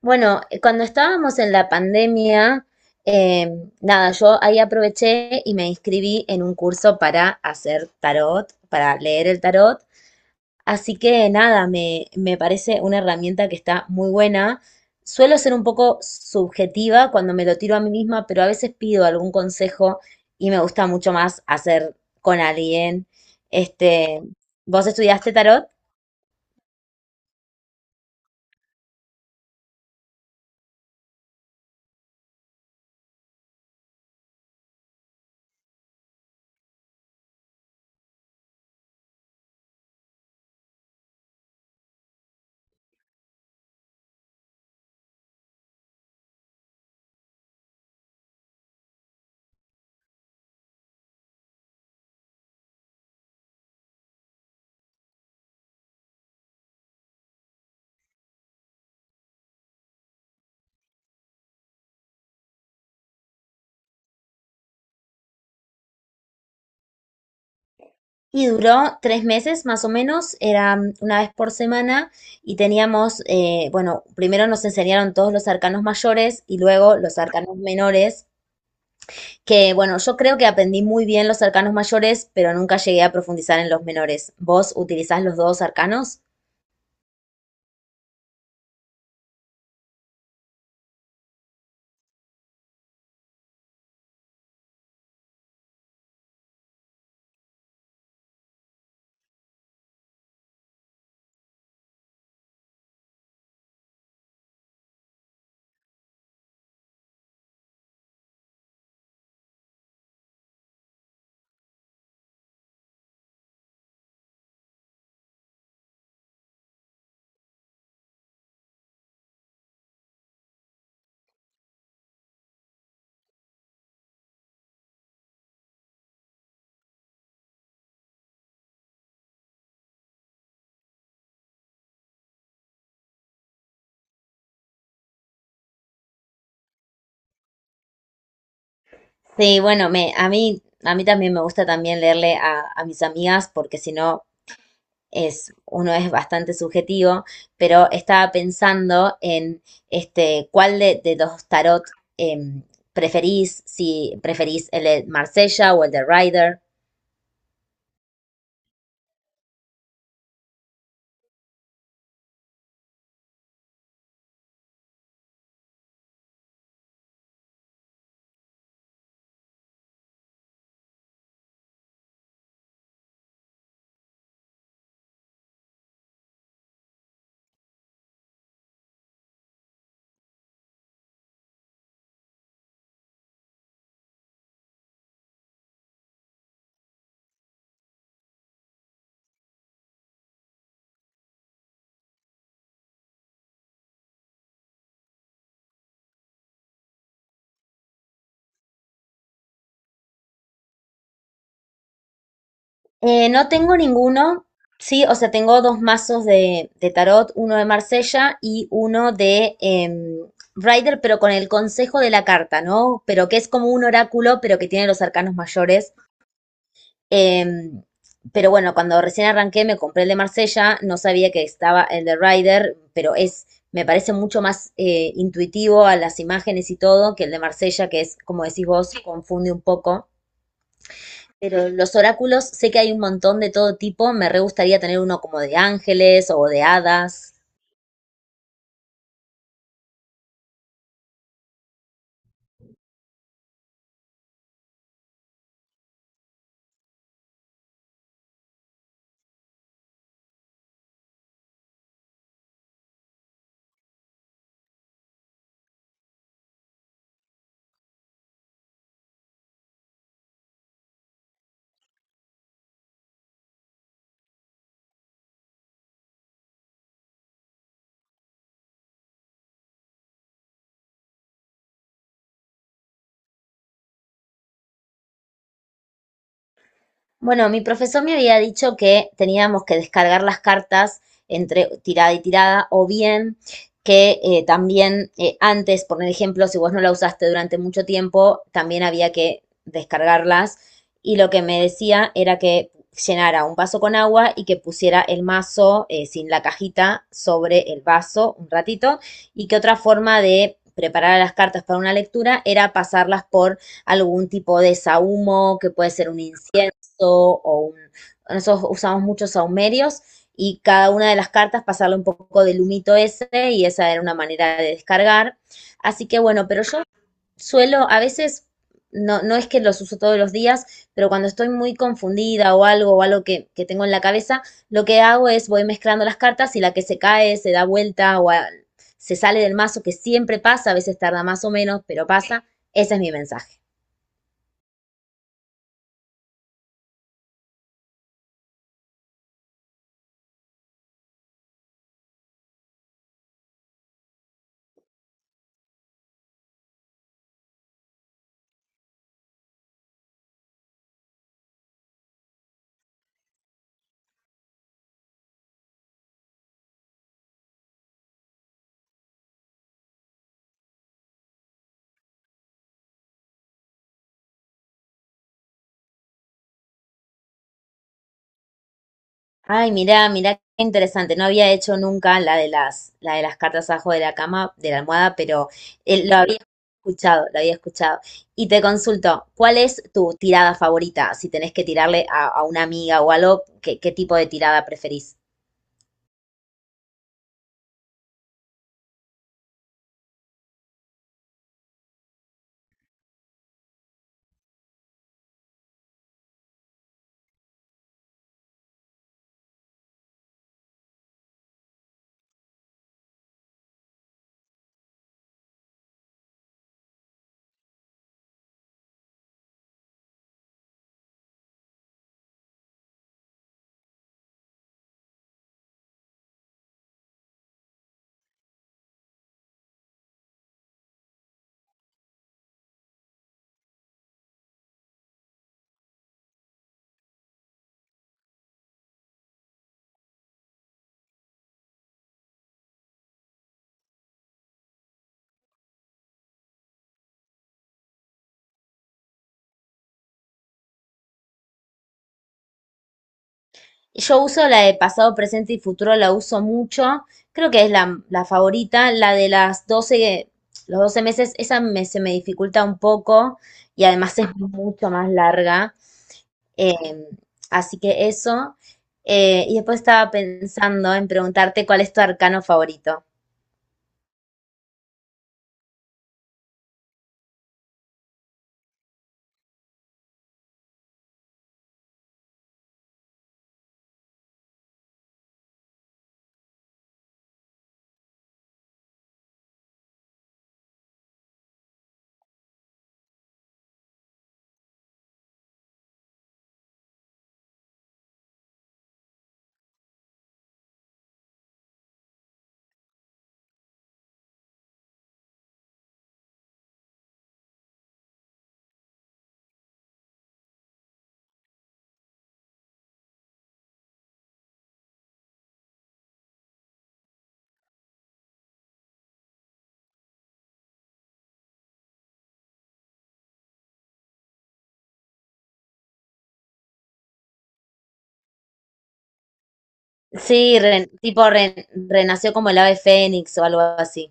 Bueno, cuando estábamos en la pandemia, eh, nada, yo ahí aproveché y me inscribí en un curso para hacer tarot, para leer el tarot. Así que nada, me parece una herramienta que está muy buena. Suelo ser un poco subjetiva cuando me lo tiro a mí misma, pero a veces pido algún consejo y me gusta mucho más hacer con alguien. Este, ¿Vos estudiaste tarot? Y duró 3 meses más o menos, era una vez por semana y teníamos, bueno, primero nos enseñaron todos los arcanos mayores y luego los arcanos menores, que bueno, yo creo que aprendí muy bien los arcanos mayores, pero nunca llegué a profundizar en los menores. ¿Vos utilizás los dos arcanos? Sí, bueno, a mí también me gusta también leerle a mis amigas porque si no, uno es bastante subjetivo, pero estaba pensando en cuál de los tarot em, preferís, si preferís el de Marsella o el de Rider. No tengo ninguno, sí, o sea, tengo dos mazos de tarot, uno de Marsella y uno de Rider, pero con el consejo de la carta, ¿no? Pero que es como un oráculo, pero que tiene los arcanos mayores. Em, pero bueno, cuando recién arranqué me compré el de Marsella, no sabía que estaba el de Rider, pero me parece mucho más intuitivo a las imágenes y todo que el de Marsella, que es, como decís vos, confunde un poco. Pero los oráculos, sé que hay un montón de todo tipo, me re gustaría tener uno como de ángeles o de hadas. Bueno, mi profesor me había dicho que teníamos que descargar las cartas entre tirada y tirada, o bien que también antes, por ejemplo, si vos no la usaste durante mucho tiempo, también había que descargarlas. Y lo que me decía era que llenara un vaso con agua y que pusiera el mazo sin la cajita sobre el vaso un ratito y que otra forma de preparar las cartas para una lectura era pasarlas por algún tipo de sahumo, que puede ser un incienso. Nosotros usamos muchos saumerios y cada una de las cartas pasarle un poco del humito ese y esa era una manera de descargar. Así que bueno, pero yo suelo a veces, no, no es que los uso todos los días, pero cuando estoy muy confundida o algo que tengo en la cabeza, lo que hago es voy mezclando las cartas y la que se cae se da vuelta, se sale del mazo, que siempre pasa, a veces tarda más o menos, pero pasa. Ese es mi mensaje. Ay, mirá, mirá, qué interesante. No había hecho nunca la de las cartas abajo de la cama, de la almohada, pero lo había escuchado, lo había escuchado. Y te consulto, ¿cuál es tu tirada favorita? Si tenés que tirarle a una amiga o algo, ¿qué tipo de tirada preferís? Yo uso la de pasado, presente y futuro, la uso mucho. Creo que es la favorita. La de las 12 Los 12 meses, esa se me dificulta un poco y además es mucho más larga. Em, Así que eso. Y después estaba pensando en preguntarte cuál es tu arcano favorito. Sí, tipo renació como el ave fénix o algo así,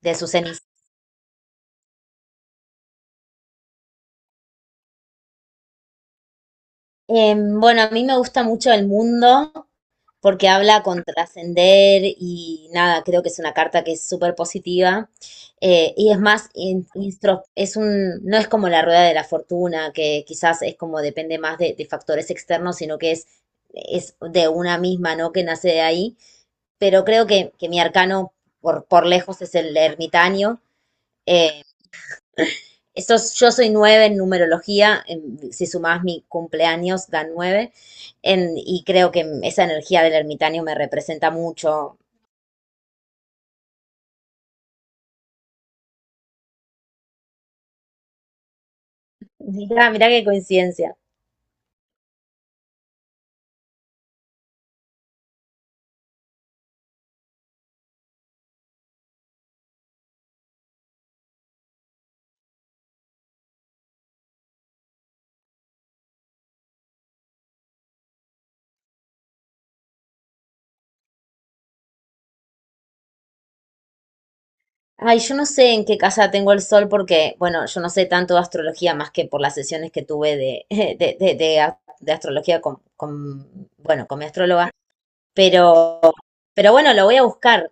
de sus cenizas. Bueno, a mí me gusta mucho el mundo. Porque habla con trascender y nada, creo que es una carta que es súper positiva. Y es más, no es como la rueda de la fortuna, que quizás es como depende más de factores externos, sino que es de una misma, ¿no? Que nace de ahí. Pero creo que mi arcano por lejos es el ermitaño. Eh, yo soy nueve en numerología, si sumás mi cumpleaños da nueve, y creo que esa energía del ermitaño me representa mucho. Mirá, mirá qué coincidencia. Ay, yo no sé en qué casa tengo el sol porque, bueno, yo no sé tanto de astrología más que por las sesiones que tuve de astrología bueno, con mi astróloga, pero, pero bueno, lo voy a buscar.